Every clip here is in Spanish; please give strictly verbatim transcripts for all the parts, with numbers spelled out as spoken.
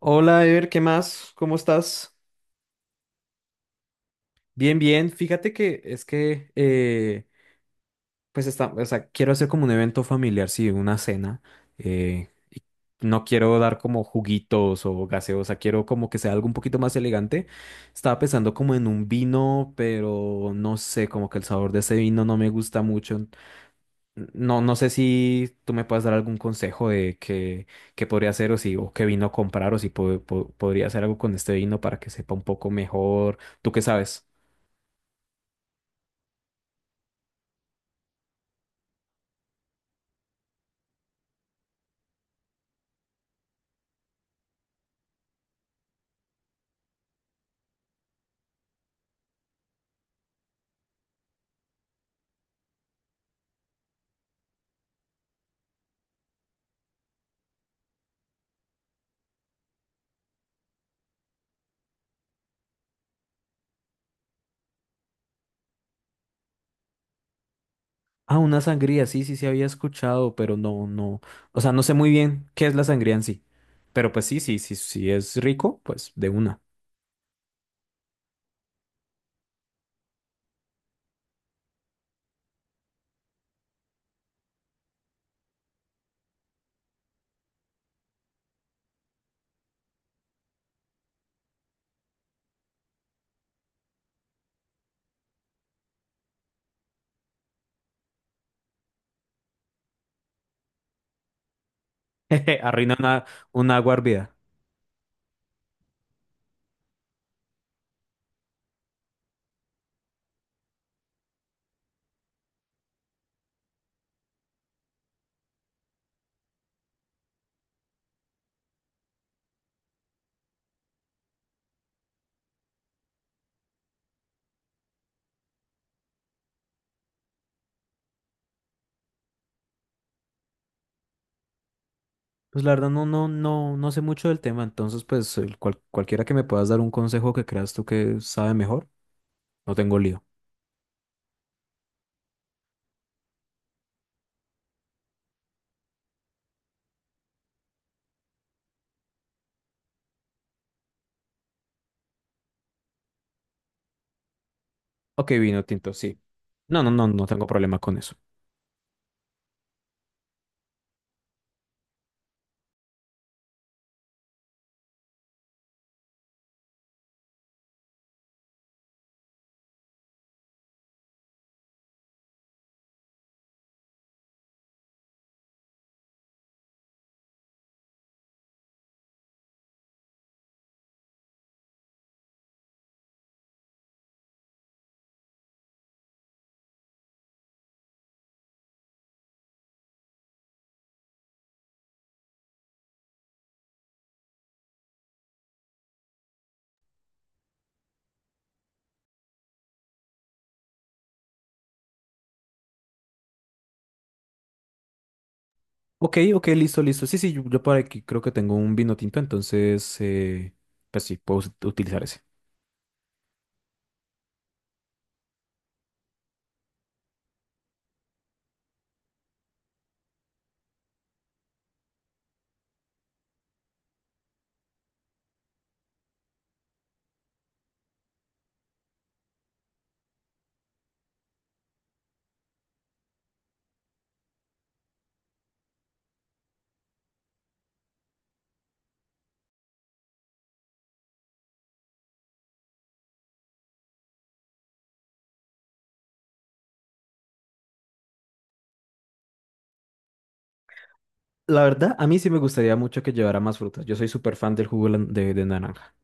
Hola, Ever, ¿qué más? ¿Cómo estás? Bien, bien. Fíjate que es que, eh, pues, está, o sea, quiero hacer como un evento familiar, sí, una cena. Eh, no quiero dar como juguitos o gaseosa, quiero como que sea algo un poquito más elegante. Estaba pensando como en un vino, pero no sé, como que el sabor de ese vino no me gusta mucho. No, no sé si tú me puedes dar algún consejo de qué, qué podría hacer o si o qué vino a comprar o si po- po- podría hacer algo con este vino para que sepa un poco mejor. ¿Tú qué sabes? Ah, una sangría, sí, sí, sí había escuchado, pero no, no. O sea, no sé muy bien qué es la sangría en sí. Pero pues sí, sí, sí, sí es rico, pues de una. Jeje, arruina una, una agua hervida. Pues la verdad no, no, no, no sé mucho del tema, entonces pues el cual- cualquiera que me puedas dar un consejo que creas tú que sabe mejor, no tengo lío. Ok, vino tinto, sí. No, no, no, no tengo problema con eso. Ok, ok, listo, listo. Sí, sí, yo, yo por aquí creo que tengo un vino tinto, entonces, eh, pues sí, puedo ut- utilizar ese. La verdad, a mí sí me gustaría mucho que llevara más frutas. Yo soy súper fan del jugo de, lan- de de naranja.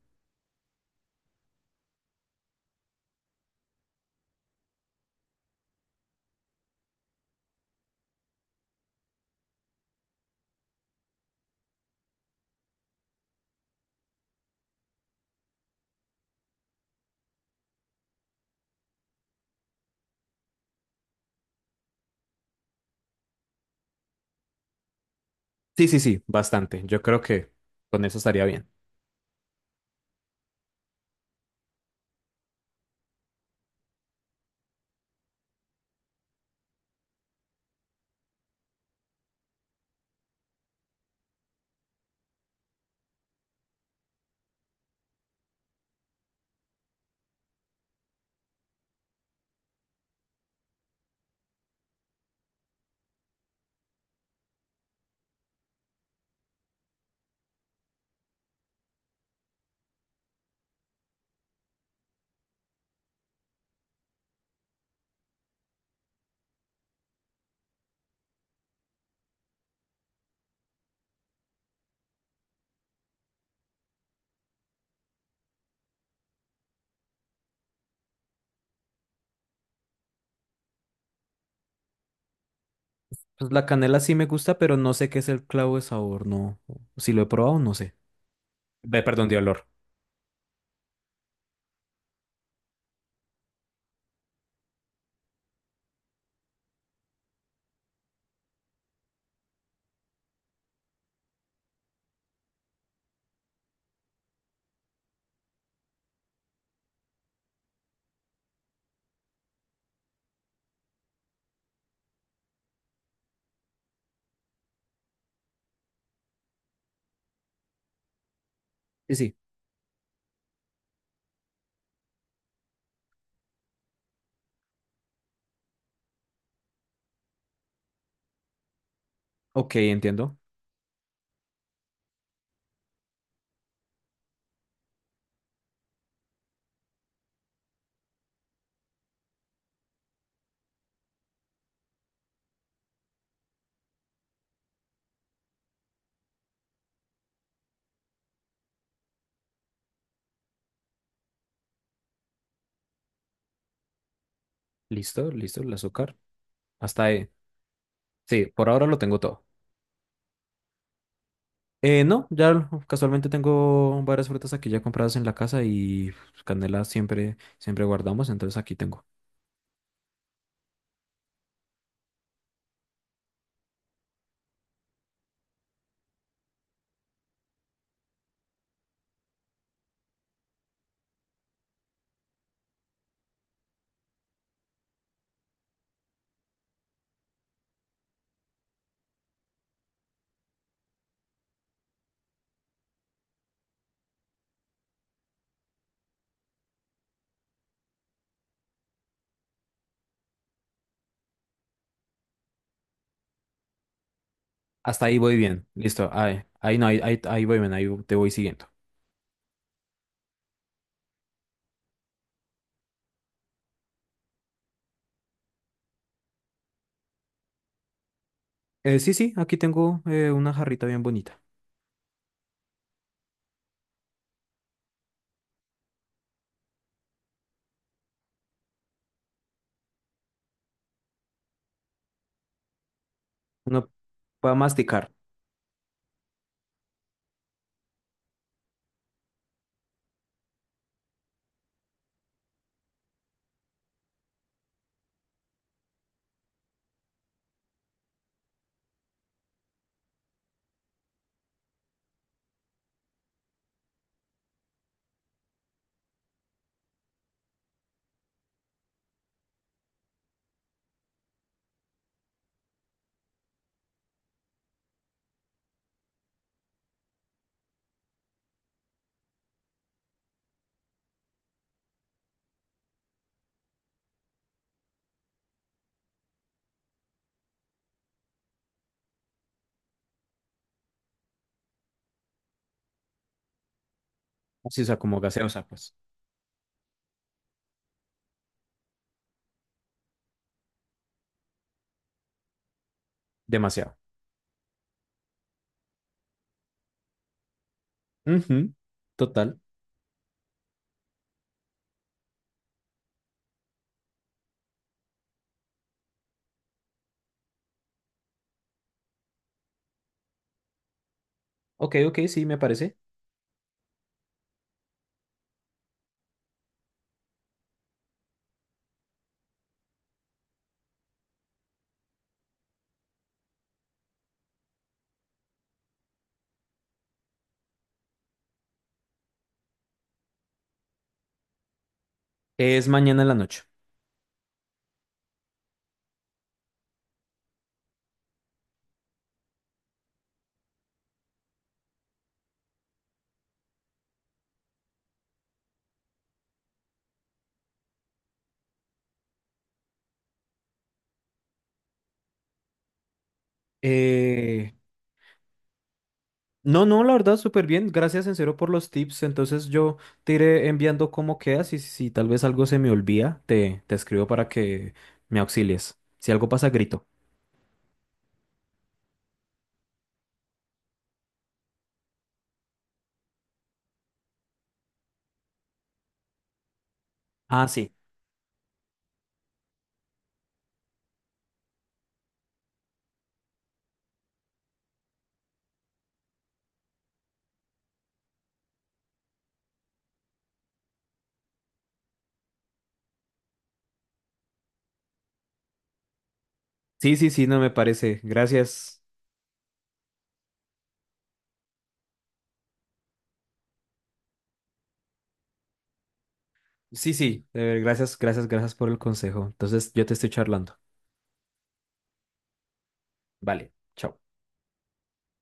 Sí, sí, sí, bastante. Yo creo que con eso estaría bien. Pues la canela sí me gusta, pero no sé qué es el clavo de sabor, no. Si lo he probado, no sé. Ve, perdón, de olor. Sí, sí. Ok, entiendo. Listo, listo, el azúcar. Hasta ahí. Sí, por ahora lo tengo todo. Eh, no, ya l- casualmente tengo varias frutas aquí ya compradas en la casa y canela siempre, siempre guardamos, entonces aquí tengo. Hasta ahí voy bien, listo. Ahí, ahí no, ahí, ahí, ahí voy bien, ahí te voy siguiendo. Eh, sí, sí, aquí tengo eh, una jarrita bien bonita. Uno para masticar, así, o sea, como gaseosa, pues, demasiado. Ujú, total. Ok, ok, sí, me parece. Es mañana en la noche. Eh, no, no, la verdad, súper bien. Gracias en serio por los tips. Entonces yo te iré enviando cómo quedas y si tal vez algo se me olvida, te, te escribo para que me auxilies. Si algo pasa, grito. Ah, sí. Sí, sí, sí, no me parece. Gracias. Sí, sí, eh, gracias, gracias, gracias por el consejo. Entonces yo te estoy charlando. Vale, chao.